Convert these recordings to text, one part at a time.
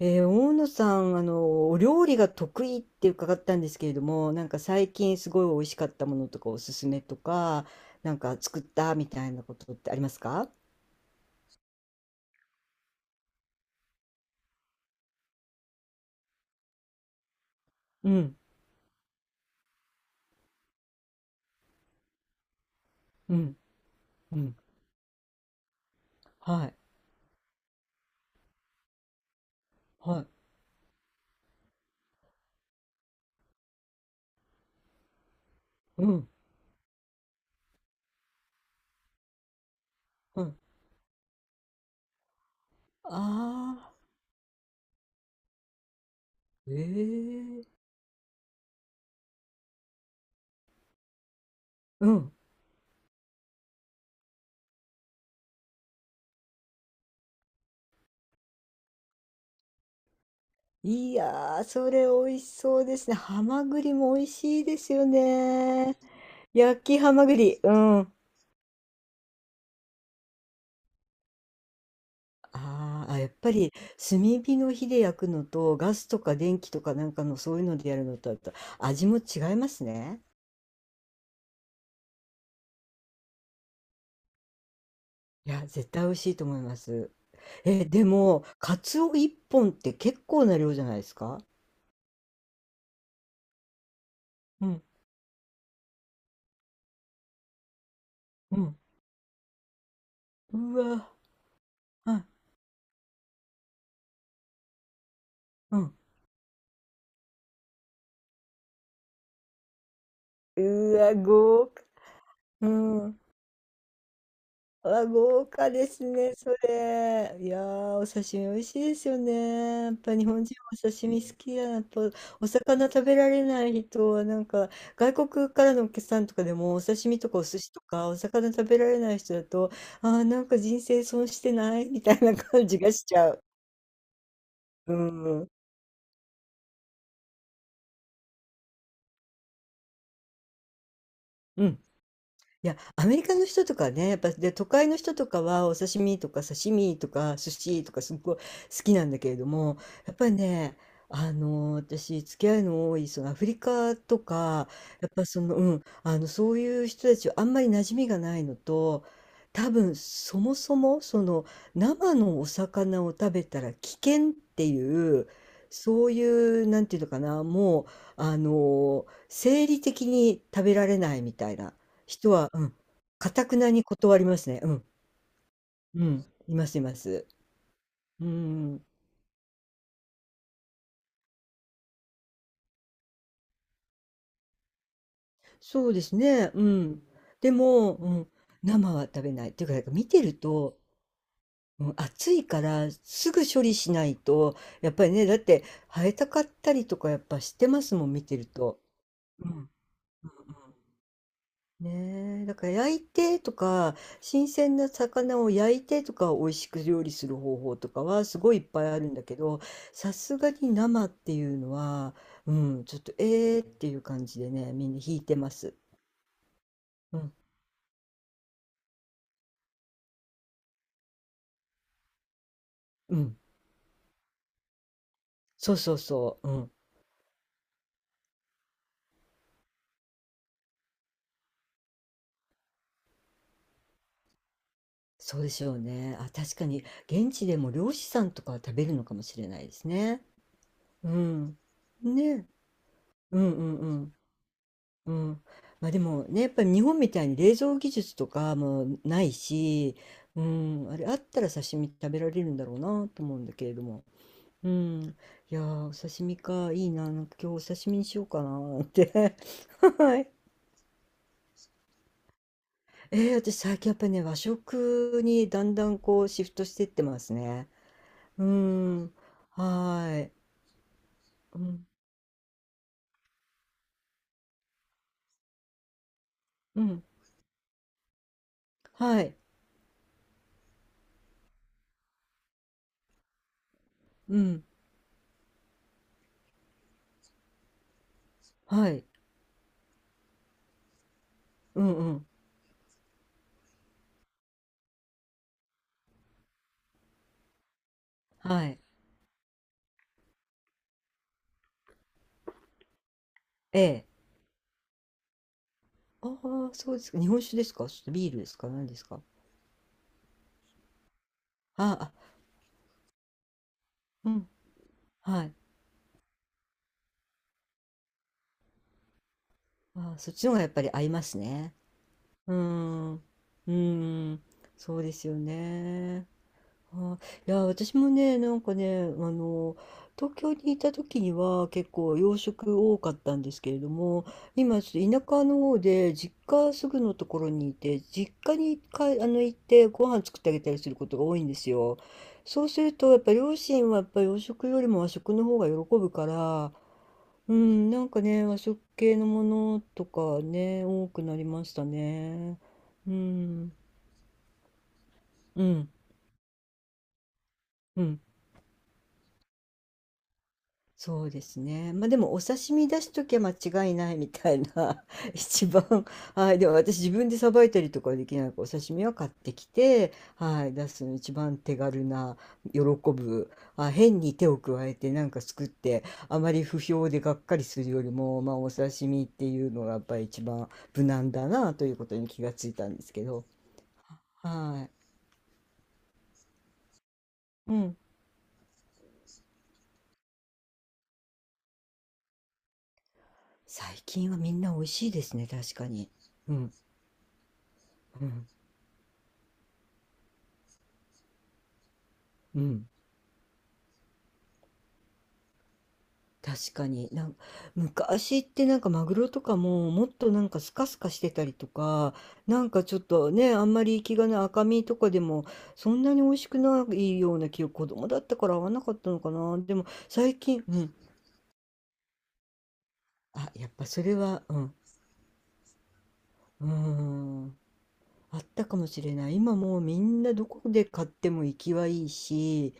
大野さん、お料理が得意って伺ったんですけれども、なんか最近すごい美味しかったものとかおすすめとか、なんか作ったみたいなことってありますか？うん、うん、うん、はい、はい、うん、うん。あー、ええ、うん。いやー、それ美味しそうですね。ハマグリも美味しいですよね。焼きハマグリ。うん。あーあ、やっぱり炭火の火で焼くのとガスとか電気とかなんかのそういうのでやるのとあと味も違いますね。いや、絶対美味しいと思います。え、でも、カツオ一本って結構な量じゃないですか？うん、うん。うわ、はい、うん。うわ、豪華。うん。あ、豪華ですね、それ。いやー、お刺身美味しいですよね。やっぱ日本人はお刺身好きやな。やっぱお魚食べられない人は、なんか外国からのお客さんとかでもお刺身とかお寿司とかお魚食べられない人だと、あー、なんか人生損してないみたいな感じがしちゃう。うん。うん。いや、アメリカの人とかね、やっぱ、で、都会の人とかは、お刺身とか刺身とか寿司とかすっごい好きなんだけれども、やっぱりね、私、付き合いの多い、そのアフリカとか、やっぱその、うん、そういう人たちはあんまり馴染みがないのと、多分、そもそも、その、生のお魚を食べたら危険っていう、そういう、なんていうのかな、もう、生理的に食べられないみたいな。人は、うん、頑なに断りますね。うん、うん、いますいます。うん、そうですね、うん。でも、うん、生は食べない。っていうか、なんか見てると、うん、熱いからすぐ処理しないと、やっぱりね、だって生えたかったりとかやっぱしてますもん、見てると。うん。ねえ、だから焼いてとか、新鮮な魚を焼いてとか、美味しく料理する方法とかはすごいいっぱいあるんだけど、さすがに生っていうのは、うん、ちょっとえーっていう感じでね、みんな引いてます。うん、うん、そうそうそう、うん、そうでしょうね。あ、確かに現地でも漁師さんとかは食べるのかもしれないですね。うん、ね、うんうんうん。うん、まあでもねやっぱり日本みたいに冷蔵技術とかもないし、うん、あれあったら刺身食べられるんだろうなと思うんだけれども、うん、いやーお刺身かいいな、なんか今日お刺身にしようかなーって。 はい、私最近やっぱりね和食にだんだんこうシフトしてってますね。うん、はーい、うん、うん、はい、うん、はい、うん、うん、はい、ええ。ああ、そうですか。日本酒ですかちょっとビールですか何ですか？ああ、うん。はい。ああ、そっちの方がやっぱり合いますね。うーん。うーん。そうですよね。あ、いや、私もね、なんかね、東京にいた時には結構洋食多かったんですけれども、今ちょっと田舎の方で実家すぐのところにいて、実家にかあの行ってご飯作ってあげたりすることが多いんですよ。そうするとやっぱ両親はやっぱ洋食よりも和食の方が喜ぶから、うん、なんかね、和食系のものとかね、多くなりましたね。うん、うん、うん。そうですね。まあでもお刺身出しときゃ間違いないみたいな。 一番、はい、でも私自分でさばいたりとかはできないからお刺身は買ってきて、はい、出すの一番手軽な喜ぶ、あ、変に手を加えてなんか作ってあまり不評でがっかりするよりも、まあお刺身っていうのがやっぱり一番無難だなということに気がついたんですけど、はい、うん、最近はみんな美味しいですね、確かに。うん、うん、うん。確かに。なんか昔ってなんかマグロとかももっとなんかスカスカしてたりとか、なんかちょっとね、あんまり生きがない赤身とかでもそんなに美味しくないような記憶、子供だったから合わなかったのかな。でも最近、うん。あ、やっぱそれは、うん。うーん。あったかもしれない。今もうみんなどこで買っても生きはいいし、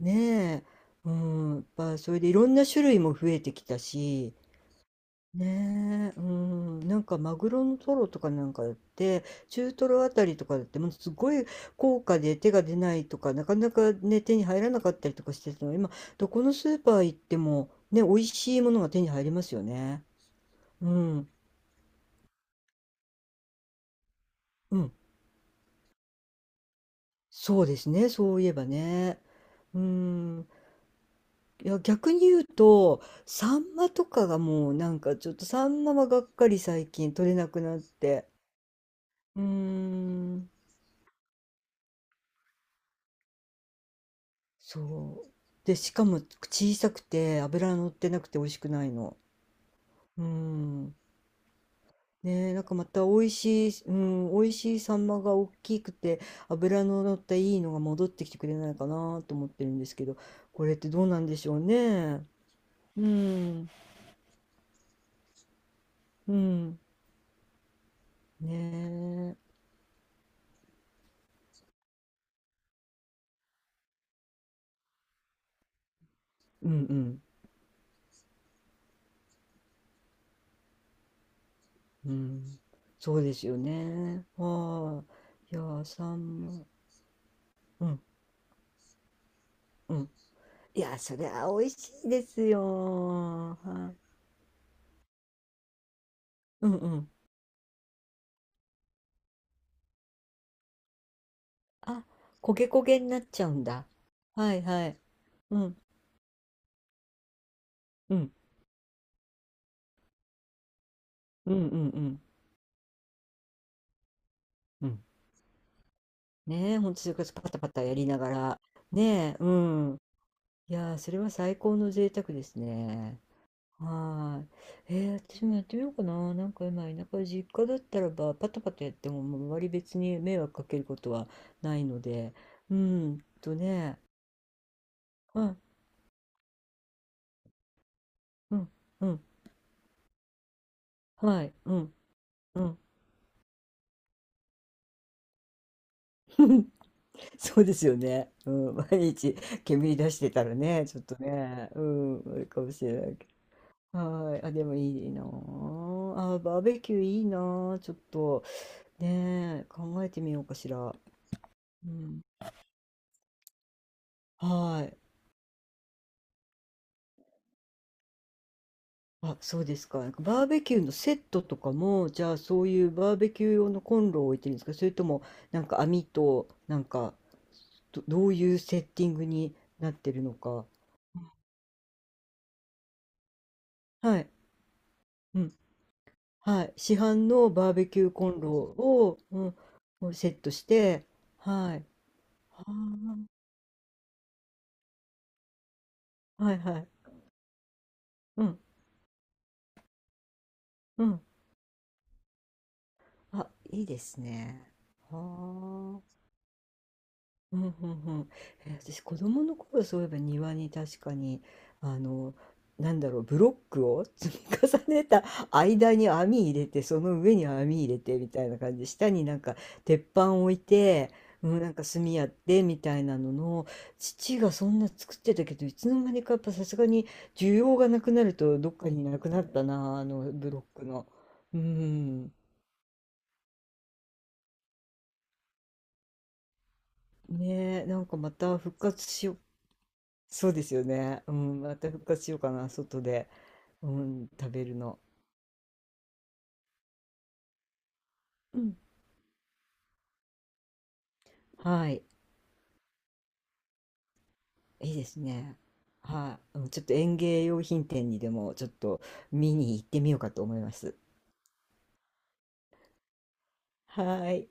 ねえ。うん。やっぱそれでいろんな種類も増えてきたし、ねえ、うん、なんかマグロのトロとかなんかだって、中トロあたりとかだって、もうすごい高価で手が出ないとか、なかなかね、手に入らなかったりとかしてたの、今、どこのスーパー行っても、ね、美味しいものが手に入りますよね。うん、うん、そうですね、そういえばね。うん、いや、逆に言うと、サンマとかがもうなんかちょっとサンマはがっかり最近取れなくなって。うーん。そう。で、しかも小さくて脂が乗ってなくて美味しくないの。うん。ねえ、なんかまた美味しい、うん、美味しいサンマが大きくて脂の乗ったいいのが戻ってきてくれないかなと思ってるんですけど、これってどうなんでしょうね。うん、うん、ねえ、うん、うん、うん。そうですよね。はい。いやー、サンマ、うん、うん。いやー、それは美味しいですよ。はい。うんうん。あ、焦げ焦げになっちゃうんだ。はいはい。うん、うん、うん、うん、うん、うん。ねえ、ほんとそれこそパタパタやりながら。ねえ、うん。いやー、それは最高の贅沢ですね。はーい。私もやってみようかな。なんか今、田舎、実家だったらば、パタパタやっても、もう周り別に迷惑かけることはないので、うんとね、はい、うん、うん、はい、うん、うん。そうですよね。うん、毎日煙出してたらね、ちょっとね、うん、あれかもしれないけど。はい。あ、でもいいなあ。あ、バーベキューいいなあ。ちょっと、ねえ、考えてみようかしら。うん。はい。あ、そうですか。なんかバーベキューのセットとかも、じゃあそういうバーベキュー用のコンロを置いてるんですかそれとも、なんか網と、なんか、どういうセッティングになってるのか。はい。うん、はい、市販のバーベキューコンロを、うん、をセットして、はい、はあ、はいはい、うん、うん、あ、いいですね。はあ。うんうんうん。え、私子供の頃そういえば庭に確かにあのなんだろうブロックを積み重ねた間に網入れてその上に網入れてみたいな感じで下になんか鉄板置いて、うん、なんか炭やってみたいなのの父がそんな作ってたけどいつの間にかやっぱさすがに需要がなくなるとどっかになくなったなあのブロックの。うん。ねえ、なんかまた復活しよう。そうですよね。うん、また復活しようかな、外で、うん、食べるの。うん、はい、いいですね。はい、うんちょっと園芸用品店にでもちょっと見に行ってみようかと思います。はい。